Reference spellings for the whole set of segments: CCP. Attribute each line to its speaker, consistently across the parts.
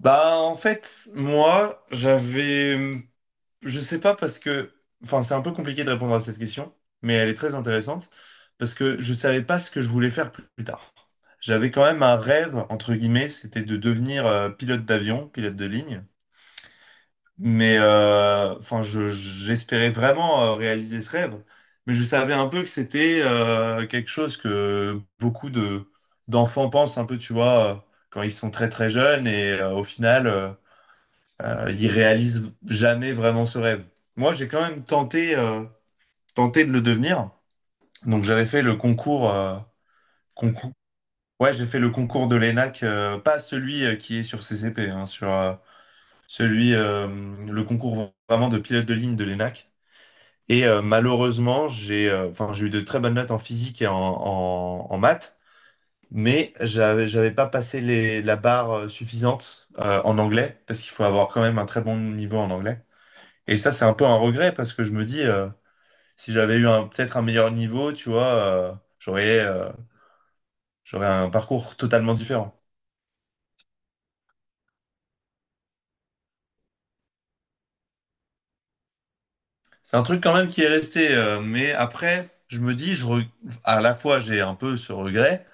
Speaker 1: Bah en fait, moi, j'avais je sais pas parce que c'est un peu compliqué de répondre à cette question, mais elle est très intéressante parce que je savais pas ce que je voulais faire plus tard. J'avais quand même un rêve entre guillemets, c'était de devenir pilote d'avion, pilote de ligne, mais enfin je j'espérais vraiment réaliser ce rêve, mais je savais un peu que c'était quelque chose que beaucoup de d'enfants pensent un peu, tu vois, quand ils sont très très jeunes et au final il réalise jamais vraiment ce rêve. Moi, j'ai quand même tenté de le devenir. Donc, j'avais fait le concours. Ouais, j'ai fait le concours de l'ENAC, pas celui qui est sur CCP, hein, celui, euh, le concours vraiment de pilote de ligne de l'ENAC. Et malheureusement, j'ai eu de très bonnes notes en physique et en maths, mais j'avais pas passé la barre suffisante en anglais, parce qu'il faut avoir quand même un très bon niveau en anglais. Et ça, c'est un peu un regret parce que je me dis, si j'avais eu peut-être un meilleur niveau, tu vois, euh, j'aurais euh, j'aurais un parcours totalement différent. C'est un truc quand même qui est resté, mais après, je me dis, à la fois, j'ai un peu ce regret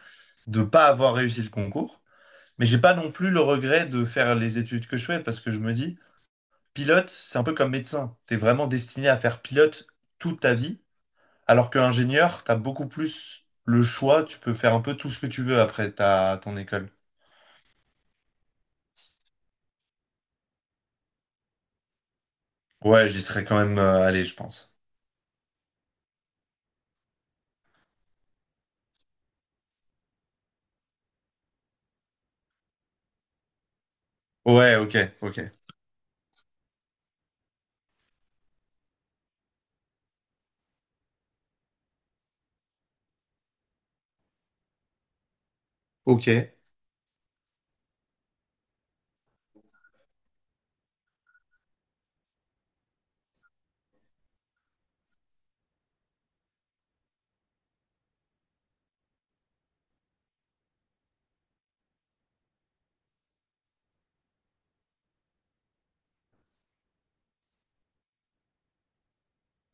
Speaker 1: de pas avoir réussi le concours, mais j'ai pas non plus le regret de faire les études que je fais parce que je me dis, pilote, c'est un peu comme médecin. T'es vraiment destiné à faire pilote toute ta vie, alors qu'ingénieur, t'as beaucoup plus le choix, tu peux faire un peu tout ce que tu veux après ton école. Ouais, j'y serais quand même allé, je pense. Ouais, ok, ok. Ok,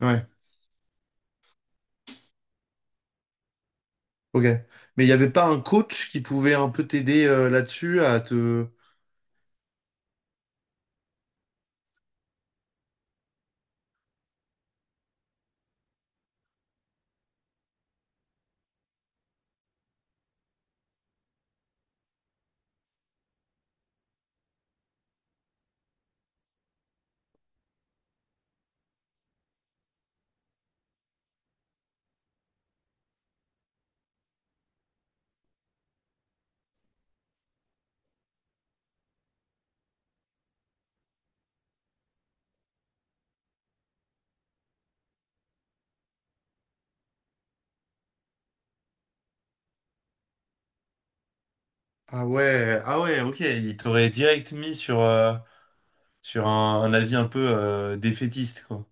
Speaker 1: ouais, ok. Mais il n'y avait pas un coach qui pouvait un peu t'aider là-dessus à te... Ah ouais, ah ouais, ok. Il t'aurait direct mis sur, sur un avis un peu défaitiste, quoi.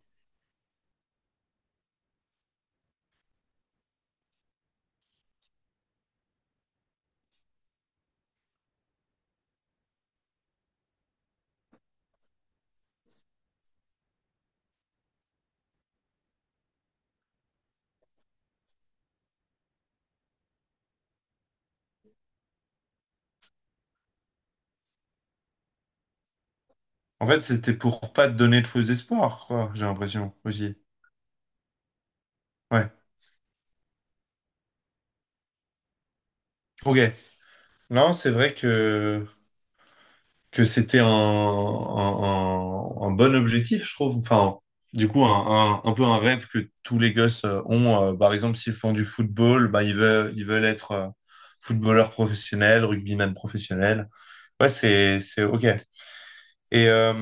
Speaker 1: En fait, c'était pour pas te donner de faux espoirs, quoi, j'ai l'impression, aussi. Ouais, ok. Non, c'est vrai que c'était un bon objectif, je trouve. Enfin, du coup, un peu un rêve que tous les gosses ont. Par exemple, s'ils font du football, bah, ils veulent être footballeurs professionnels, rugbyman professionnels. Ouais, c'est OK. Et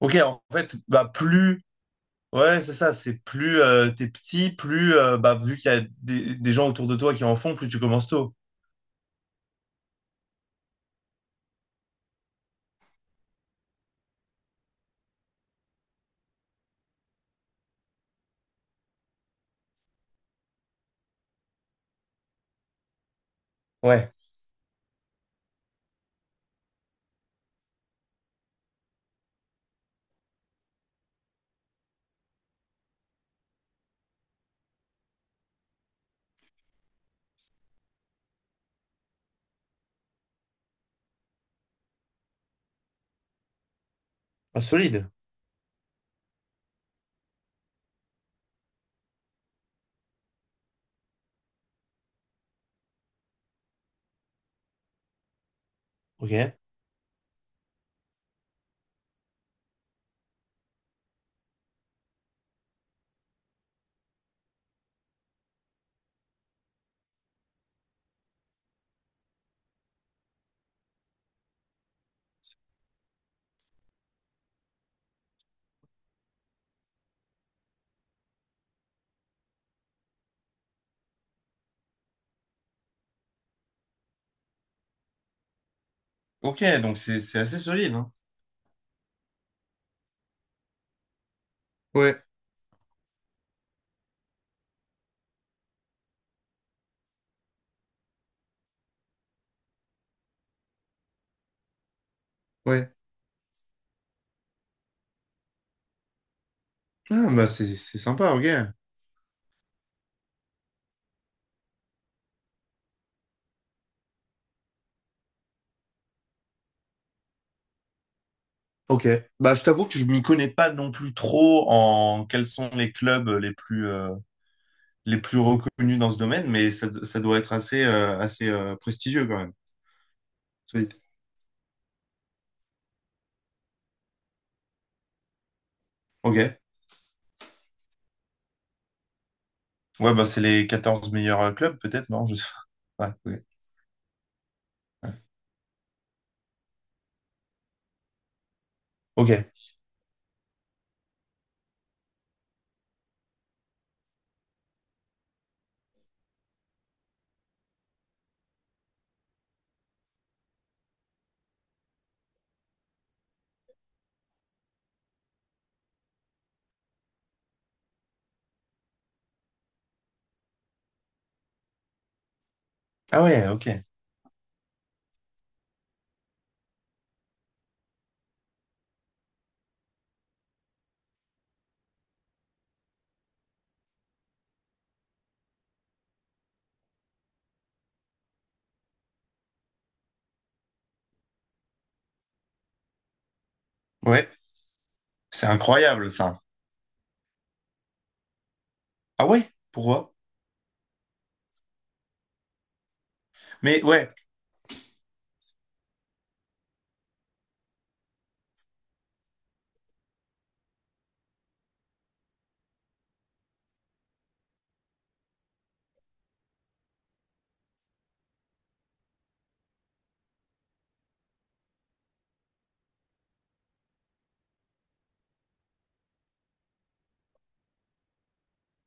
Speaker 1: OK, en fait, bah, plus... Ouais, c'est ça, c'est plus t'es petit, plus, bah, vu qu'il y a des gens autour de toi qui en font, plus tu commences tôt. Ouais, ah, solide. OK. OK, donc c'est assez solide, hein. Ouais, ouais. Ah, bah c'est sympa, ok. Ok. Bah, je t'avoue que je m'y connais pas non plus trop en quels sont les clubs les plus reconnus dans ce domaine, mais ça doit être assez, assez prestigieux quand même. Oui. Ok. Ouais, bah, c'est les 14 meilleurs clubs, peut-être, non? Je sais pas. Ouais, ok. Ouais. Ok. Ah ouais, ok. Ouais. C'est incroyable, ça. Ah ouais? Pourquoi? Mais ouais,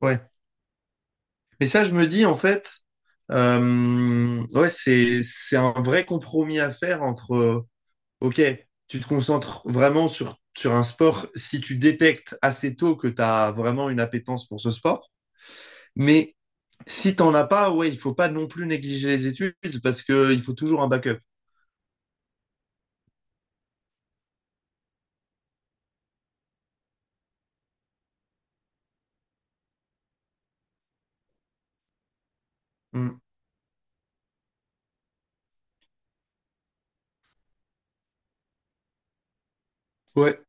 Speaker 1: ouais. Mais ça, je me dis, en fait, ouais, c'est un vrai compromis à faire entre. Ok, tu te concentres vraiment sur un sport si tu détectes assez tôt que tu as vraiment une appétence pour ce sport. Mais si t'en as pas, ouais, il faut pas non plus négliger les études parce que il faut toujours un backup. Mm. Ouais.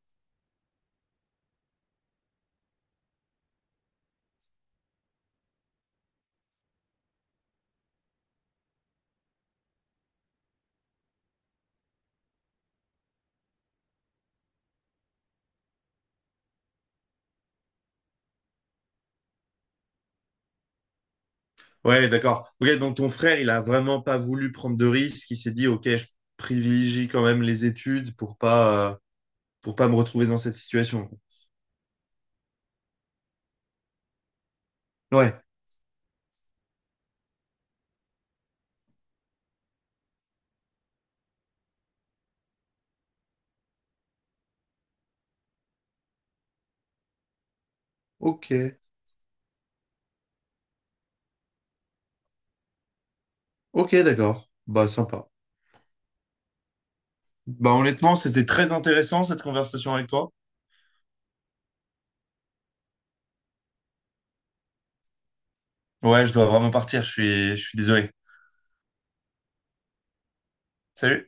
Speaker 1: Ouais, d'accord. Ok, donc ton frère, il a vraiment pas voulu prendre de risques. Il s'est dit, ok, je privilégie quand même les études pour pas me retrouver dans cette situation. Ouais. Ok. Ok, d'accord. Bah, sympa. Bah, honnêtement, c'était très intéressant cette conversation avec toi. Ouais, je dois vraiment partir, je suis désolé. Salut.